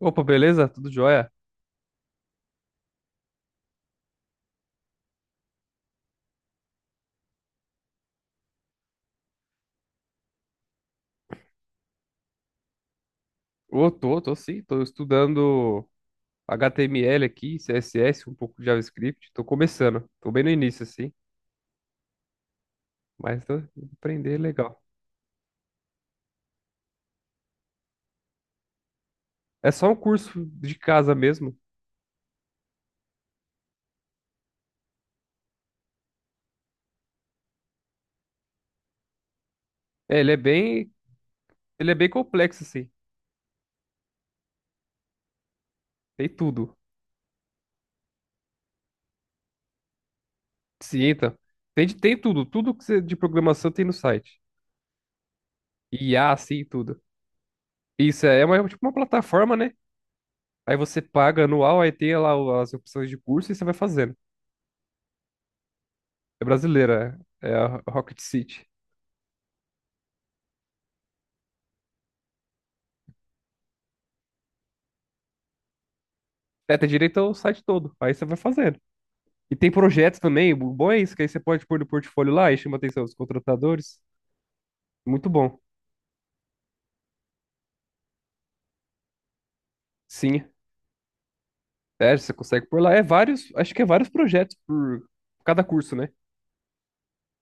Opa, beleza? Tudo jóia? Ô, tô sim, tô estudando HTML aqui, CSS, um pouco de JavaScript, tô começando, tô bem no início, assim, mas tô vou aprender é legal. É só um curso de casa mesmo. É, ele é bem complexo, assim, tem tudo. Cienta, tem tudo, tudo que você, de programação tem no site. IA, assim, tudo. Isso é uma, tipo uma plataforma, né? Aí você paga anual, aí tem lá as opções de curso e você vai fazendo. É brasileira, é a Rocket City. Seta direita, é, tem direito o site todo. Aí você vai fazendo. E tem projetos também. O bom é isso, que aí você pode pôr no portfólio lá e chama a atenção dos contratadores. Muito bom. Sim. É, você consegue pôr lá. É vários, acho que é vários projetos por cada curso, né?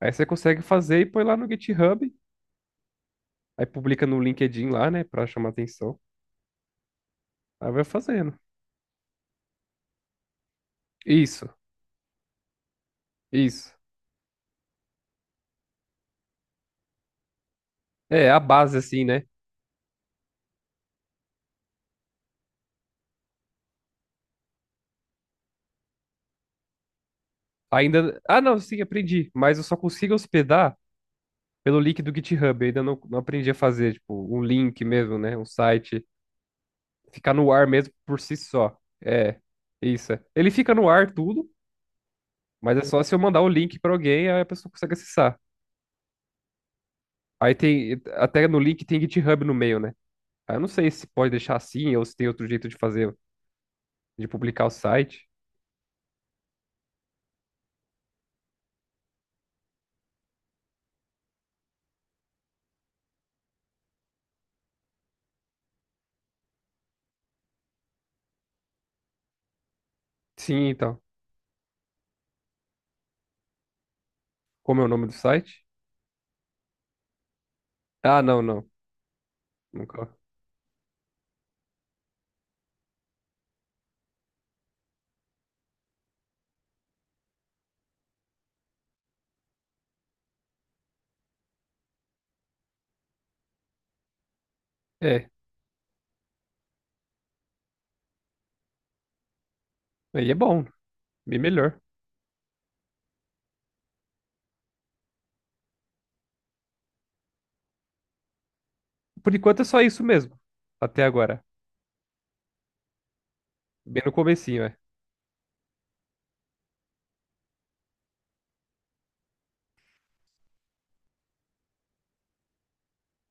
Aí você consegue fazer e põe lá no GitHub. Aí publica no LinkedIn lá, né? Pra chamar atenção. Aí vai fazendo. Isso, isso. É, a base, assim, né? Ainda. Ah, não, sim, aprendi. Mas eu só consigo hospedar pelo link do GitHub. Eu ainda não aprendi a fazer, tipo, um link mesmo, né? Um site. Ficar no ar mesmo por si só. É, isso. É. Ele fica no ar tudo, mas é só se eu mandar o link pra alguém, aí a pessoa consegue acessar. Aí tem, até no link tem GitHub no meio, né? Aí eu não sei se pode deixar assim ou se tem outro jeito de fazer, de publicar o site. Sim, então. Como é o nome do site? Ah, não, não. Nunca. É, aí é bom, bem melhor. Por enquanto é só isso mesmo, até agora. Bem no comecinho, é.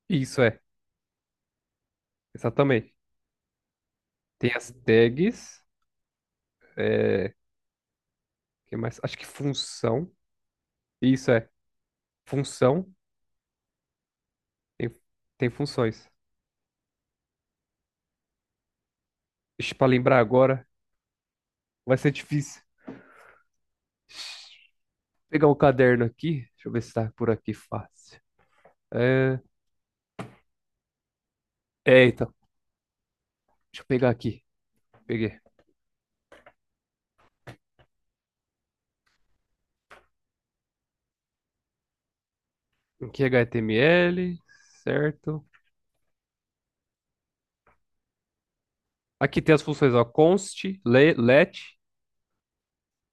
Isso é, exatamente. Tem as tags, é, que mais? Acho que função. Isso é função, tem, tem funções. Deixa pra lembrar agora, vai ser difícil. Pegar um caderno aqui, deixa eu ver se tá por aqui fácil. É, então, deixa eu pegar aqui. Peguei. Aqui é HTML, certo? Aqui tem as funções, ó, const, let,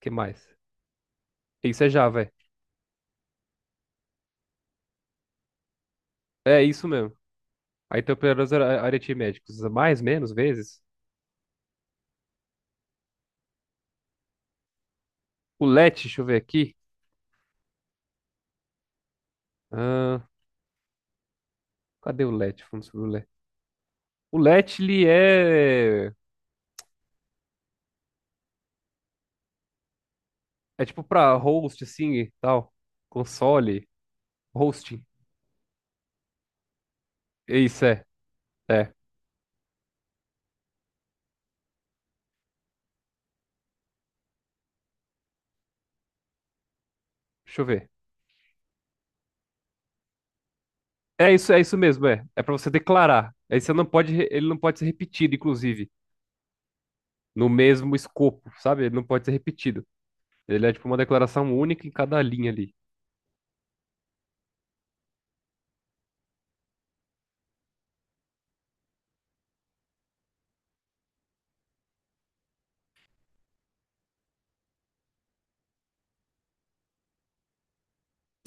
que mais? Isso é Java, é. É isso mesmo. Aí tem operadores aritméticos, mais, menos, vezes. O let, deixa eu ver aqui. Ah, cadê o let? Vamos sobre o let. O let, ele é tipo pra host, assim, e tal. Console, hosting. É isso, é. É. Deixa eu ver. É isso mesmo, é. É pra você declarar. Aí você não pode, ele não pode ser repetido, inclusive, no mesmo escopo, sabe? Ele não pode ser repetido. Ele é tipo uma declaração única em cada linha ali.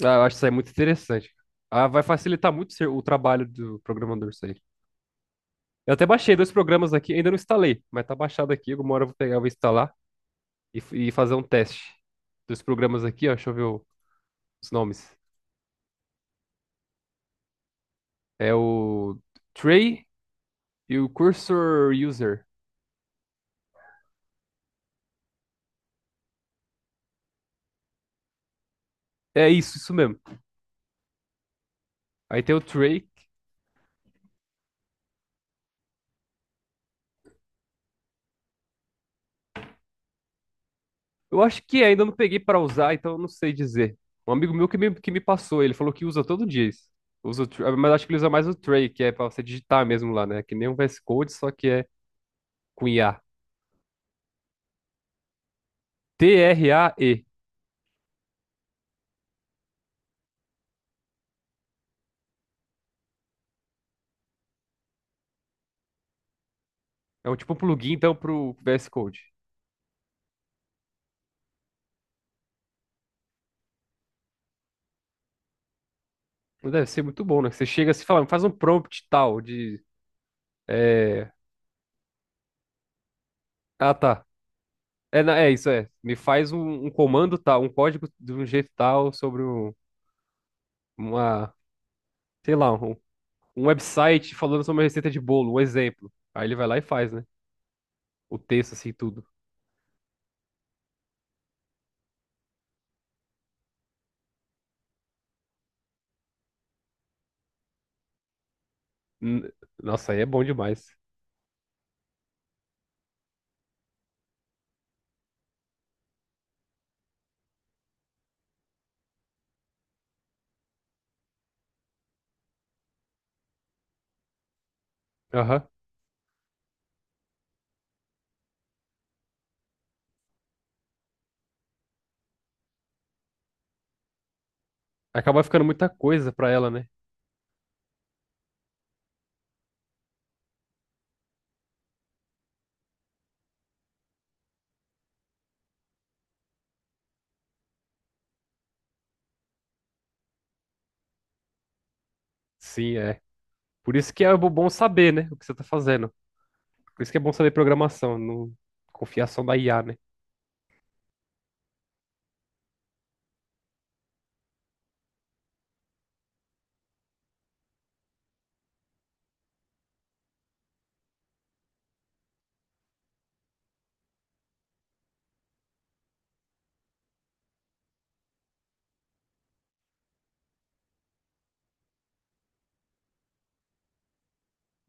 Ah, eu acho isso aí muito interessante. Ah, vai facilitar muito o trabalho do programador isso aí. Eu até baixei dois programas aqui, ainda não instalei, mas tá baixado aqui. Alguma hora eu vou pegar, eu vou instalar e fazer um teste dos programas aqui, ó. Deixa eu ver os nomes. É o tray e o Cursor User. É isso, isso mesmo. Aí tem o tray. Eu acho que ainda não peguei pra usar, então eu não sei dizer. Um amigo meu que me passou, ele falou que usa todo dia isso. Usa o Trey, mas acho que ele usa mais o tray, que é pra você digitar mesmo lá, né? Que nem um VS Code, só que é com IA. Trae. É um tipo um plugin, então, pro VS Code. Deve ser muito bom, né? Que você chega assim e fala, faz um prompt tal de. É, ah, tá. É, é isso, é. Me faz um comando tal, um código de um jeito tal sobre uma, sei lá, um website falando sobre uma receita de bolo, um exemplo. Aí ele vai lá e faz, né? O texto, assim, tudo. N- Nossa, aí é bom demais. Aham. Acaba ficando muita coisa pra ela, né? Sim, é. Por isso que é bom saber, né? O que você tá fazendo. Por isso que é bom saber programação, não confiar só na IA, né?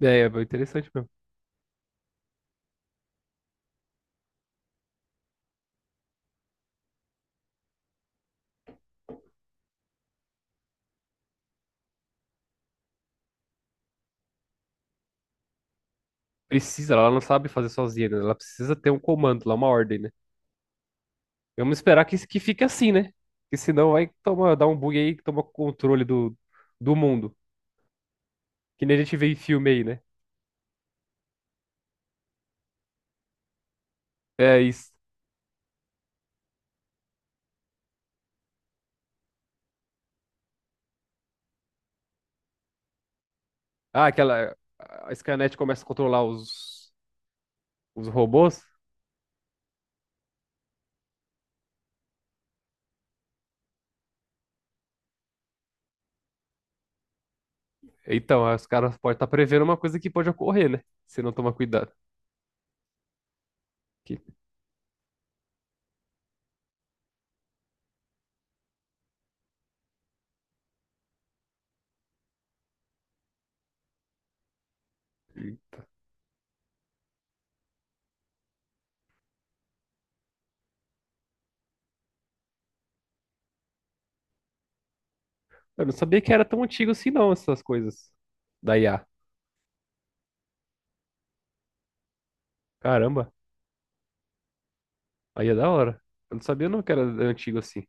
É, interessante mesmo. Precisa, ela não sabe fazer sozinha, né? Ela precisa ter um comando lá, uma ordem, né? Vamos esperar que fique assim, né? Porque senão vai tomar, dar um bug aí que toma controle do mundo. Que nem a gente vê em filme aí, né? É isso. Ah, aquela. A Skynet começa a controlar os robôs. Então, aí os caras podem estar prevendo uma coisa que pode ocorrer, né? Se não tomar cuidado. Que- eu não sabia que era tão antigo assim, não, essas coisas da IA. Caramba, aí é da hora. Eu não sabia não que era antigo assim.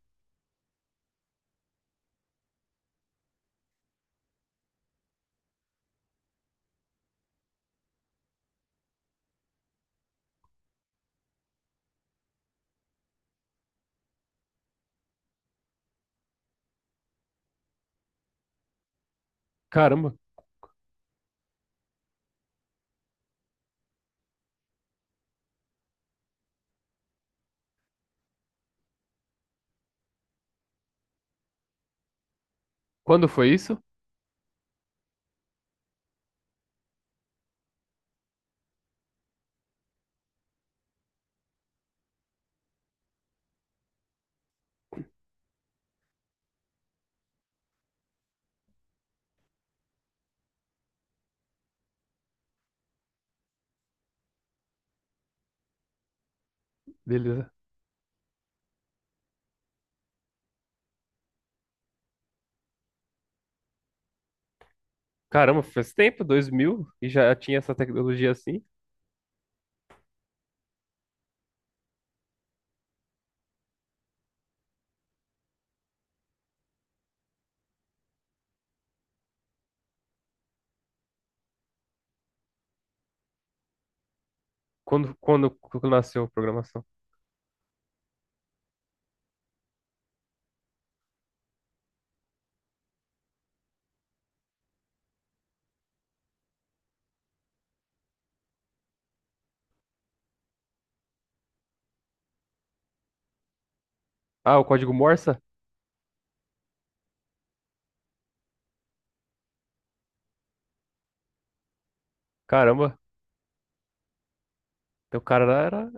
Caramba, quando foi isso? Beleza. Caramba, faz tempo, 2000 e já tinha essa tecnologia assim? Quando nasceu a programação? Ah, o código Morse? Caramba, então o cara era,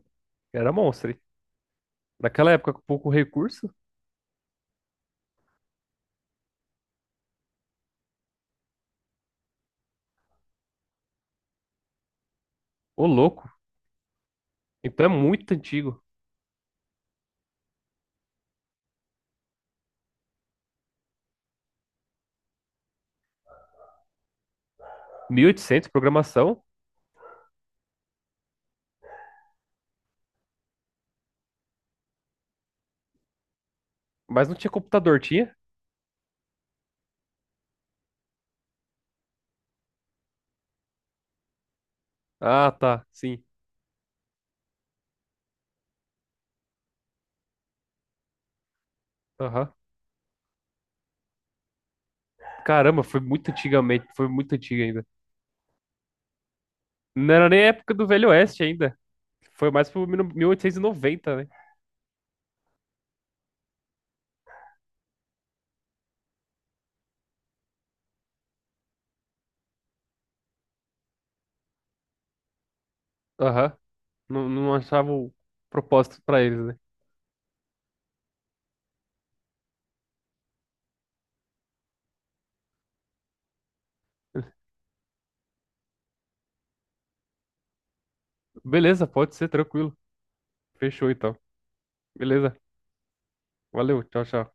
era monstro, hein? Naquela época, com pouco recurso? Ô, louco. Então é muito antigo. 1800 programação, mas não tinha computador, tinha? Ah, tá, sim. Aham. Caramba, foi muito antigamente, foi muito antigo ainda. Não era nem a época do Velho Oeste ainda. Foi mais pro 1890, né? Aham. Não, não achava o propósito pra eles, né? Beleza, pode ser, tranquilo. Fechou então. Beleza. Valeu, tchau, tchau.